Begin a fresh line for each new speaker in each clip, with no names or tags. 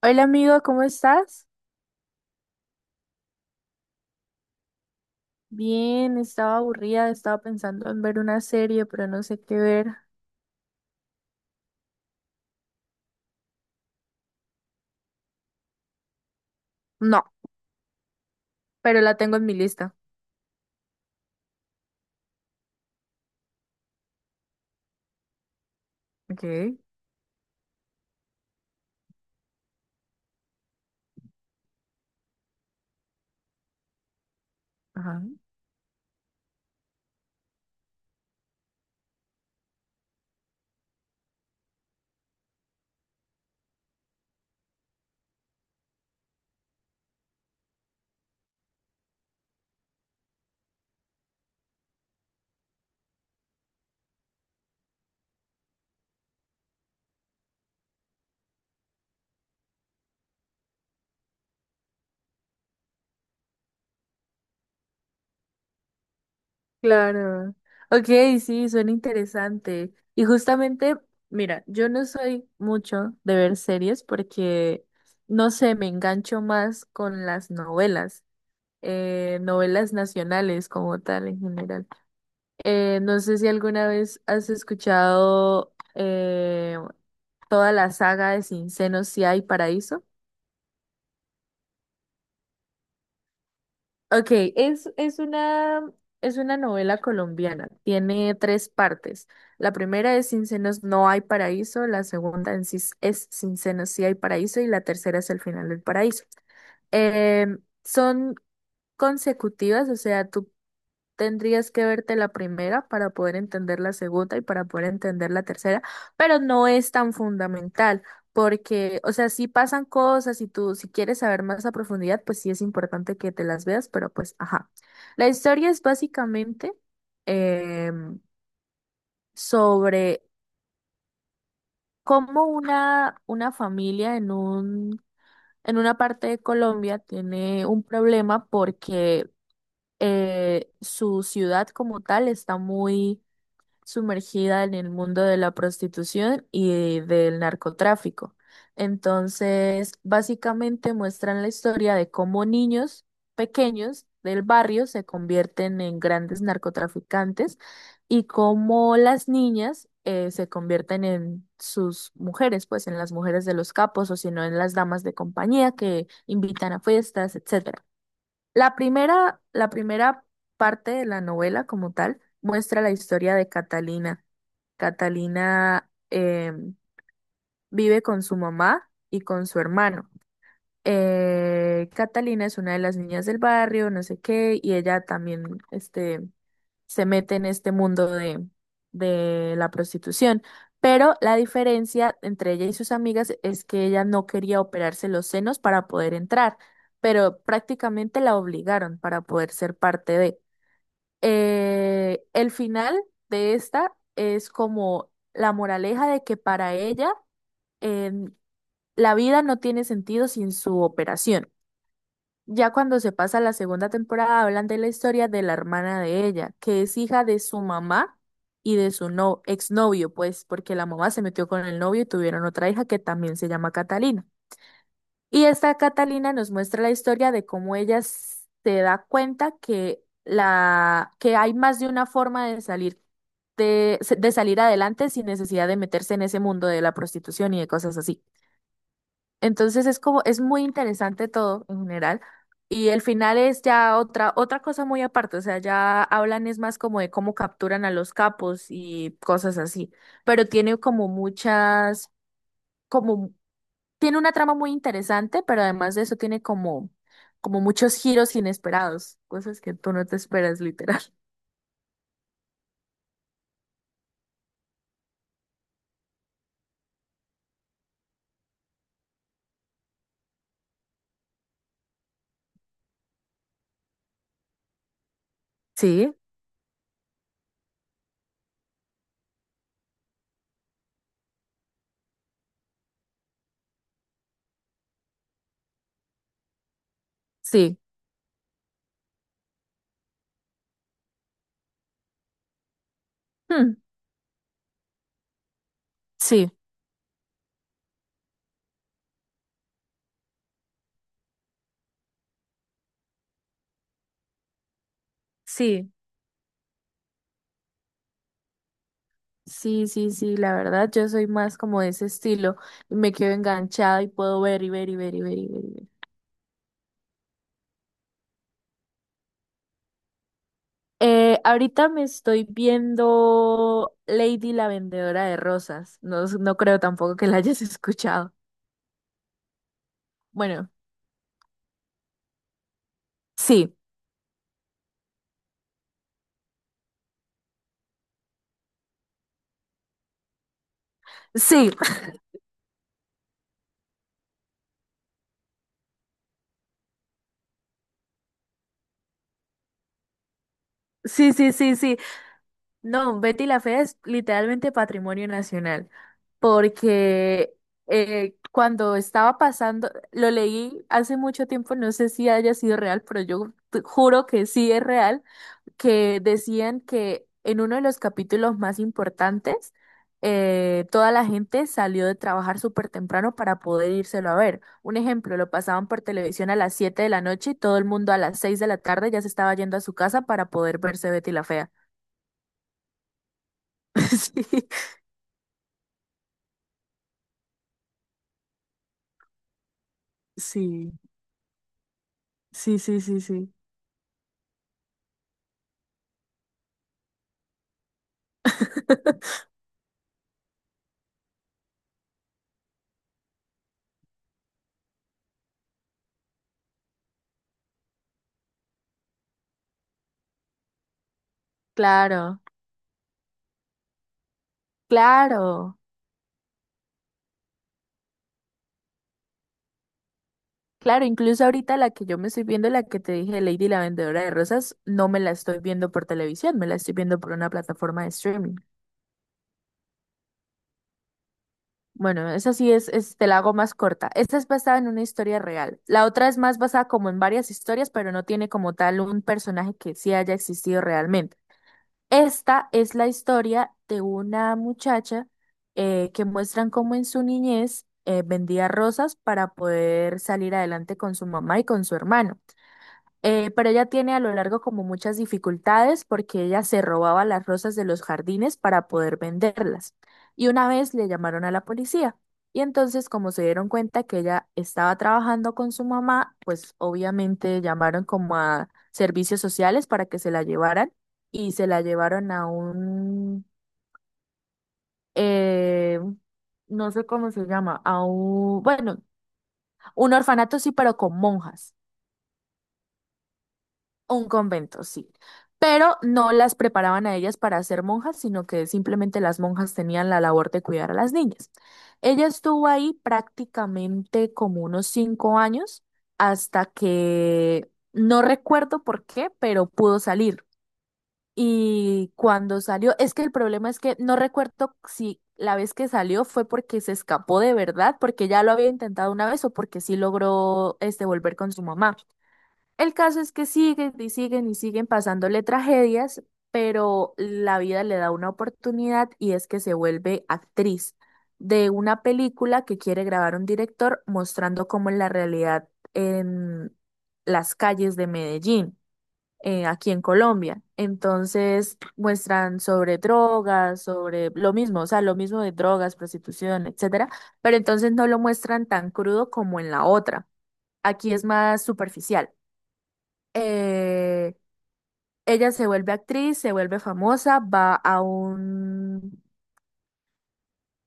Hola amigo, ¿cómo estás? Bien, estaba aburrida, estaba pensando en ver una serie, pero no sé qué ver. No, pero la tengo en mi lista. Okay, ajá. Claro. Ok, sí, suena interesante. Y justamente, mira, yo no soy mucho de ver series porque, no sé, me engancho más con las novelas, novelas nacionales como tal en general. No sé si alguna vez has escuchado toda la saga de Sin Senos, Si hay Paraíso. Ok, es, es una, es una novela colombiana. Tiene tres partes. La primera es Sin Senos, No hay Paraíso. La segunda en sí es Sin Senos, Si hay Paraíso. Y la tercera es El final del paraíso. Son consecutivas, o sea, tú tendrías que verte la primera para poder entender la segunda y para poder entender la tercera, pero no es tan fundamental porque, o sea, si pasan cosas y tú, si quieres saber más a profundidad, pues sí es importante que te las veas, pero pues, ajá. La historia es básicamente em, sobre cómo una familia en una parte de Colombia tiene un problema porque su ciudad como tal está muy sumergida en el mundo de la prostitución y del narcotráfico. Entonces, básicamente muestran la historia de cómo niños pequeños del barrio se convierten en grandes narcotraficantes y cómo las niñas se convierten en sus mujeres, pues en las mujeres de los capos o si no en las damas de compañía que invitan a fiestas, etc. La primera parte de la novela como tal muestra la historia de Catalina. Catalina vive con su mamá y con su hermano. Catalina es una de las niñas del barrio, no sé qué, y ella también, este, se mete en este mundo de la prostitución. Pero la diferencia entre ella y sus amigas es que ella no quería operarse los senos para poder entrar, pero prácticamente la obligaron para poder ser parte de. El final de esta es como la moraleja de que para ella em, la vida no tiene sentido sin su operación. Ya cuando se pasa a la segunda temporada, hablan de la historia de la hermana de ella, que es hija de su mamá y de su no exnovio, pues, porque la mamá se metió con el novio y tuvieron otra hija que también se llama Catalina. Y esta Catalina nos muestra la historia de cómo se da cuenta que la que hay más de una forma de salir de salir adelante sin necesidad de meterse en ese mundo de la prostitución y de cosas así. Entonces es como, es muy interesante todo en general. Y el final es ya otra cosa muy aparte, o sea, ya hablan es más como de cómo capturan a los capos y cosas así, pero tiene como, tiene una trama muy interesante, pero además de eso tiene como muchos giros inesperados, cosas que tú no te esperas literal. Sí, sí, hmm, sí, sí. Sí, sí, sí, la verdad yo soy más como de ese estilo. Me quedo enganchada y puedo ver y ver y ver y ver y ver. Y ver. Ahorita me estoy viendo Lady la vendedora de rosas. No, no creo tampoco que la hayas escuchado. Bueno, sí, sí, sí, sí, sí, sí. No, Betty la Fea es literalmente patrimonio nacional porque cuando estaba pasando, lo leí hace mucho tiempo, no sé si haya sido real, pero yo te juro que sí es real. Que decían que en uno de los capítulos más importantes, toda la gente salió de trabajar súper temprano para poder írselo a ver. Un ejemplo, lo pasaban por televisión a las 7 de la noche y todo el mundo a las 6 de la tarde ya se estaba yendo a su casa para poder verse Betty la Fea. Sí, sí, sí, sí, sí, sí. Claro, claro, claro. Incluso ahorita la que yo me estoy viendo, la que te dije, Lady la Vendedora de Rosas, no me la estoy viendo por televisión, me la estoy viendo por una plataforma de streaming. Bueno, esa sí te la hago más corta. Esta es basada en una historia real. La otra es más basada como en varias historias, pero no tiene como tal un personaje que sí haya existido realmente. Esta es la historia de una muchacha que muestran cómo en su niñez vendía rosas para poder salir adelante con su mamá y con su hermano. Pero ella tiene a lo largo como muchas dificultades porque ella se robaba las rosas de los jardines para poder venderlas. Y una vez le llamaron a la policía. Y entonces, como se dieron cuenta que ella estaba trabajando con su mamá, pues obviamente llamaron como a servicios sociales para que se la llevaran y se la llevaron a un, eh, no sé cómo se llama, a un, bueno, un orfanato sí, pero con monjas. Un convento, sí. Pero no las preparaban a ellas para ser monjas, sino que simplemente las monjas tenían la labor de cuidar a las niñas. Ella estuvo ahí prácticamente como unos 5 años hasta que no recuerdo por qué, pero pudo salir. Y cuando salió, es que el problema es que no recuerdo si la vez que salió fue porque se escapó de verdad, porque ya lo había intentado una vez o porque sí logró volver con su mamá. El caso es que siguen y siguen y siguen pasándole tragedias, pero la vida le da una oportunidad y es que se vuelve actriz de una película que quiere grabar un director mostrando cómo es la realidad en las calles de Medellín, aquí en Colombia. Entonces muestran sobre drogas, sobre lo mismo, o sea, lo mismo de drogas, prostitución, etcétera, pero entonces no lo muestran tan crudo como en la otra. Aquí es más superficial, eh, ella se vuelve actriz, se vuelve famosa, va a un,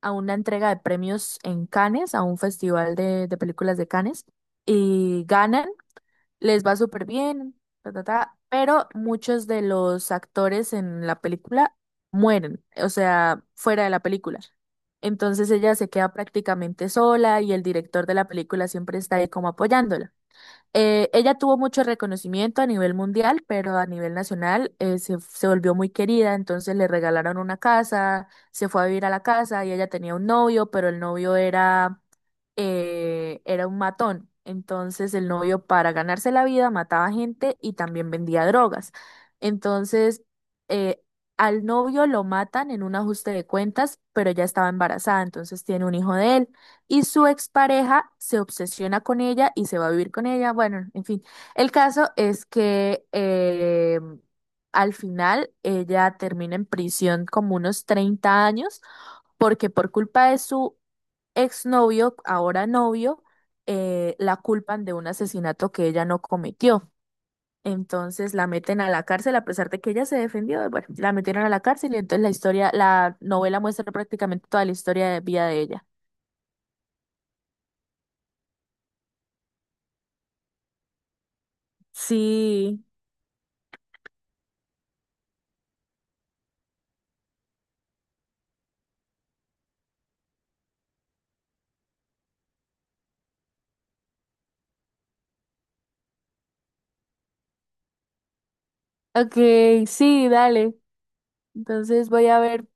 a una entrega de premios en Cannes, a un festival de películas de Cannes, y ganan, les va súper bien, ta, ta, ta, pero muchos de los actores en la película mueren, o sea, fuera de la película. Entonces ella se queda prácticamente sola y el director de la película siempre está ahí como apoyándola. Ella tuvo mucho reconocimiento a nivel mundial, pero a nivel nacional se volvió muy querida, entonces le regalaron una casa, se fue a vivir a la casa y ella tenía un novio, pero el novio era, era un matón. Entonces el novio para ganarse la vida mataba gente y también vendía drogas. Entonces, eh, al novio lo matan en un ajuste de cuentas, pero ella estaba embarazada, entonces tiene un hijo de él. Y su expareja se obsesiona con ella y se va a vivir con ella. Bueno, en fin. El caso es que al final ella termina en prisión como unos 30 años porque por culpa de su exnovio, ahora novio, la culpan de un asesinato que ella no cometió. Entonces la meten a la cárcel a pesar de que ella se defendió. Bueno, la metieron a la cárcel y entonces la novela muestra prácticamente toda la historia de vida de ella. Sí, ok, sí, dale. Entonces voy a ver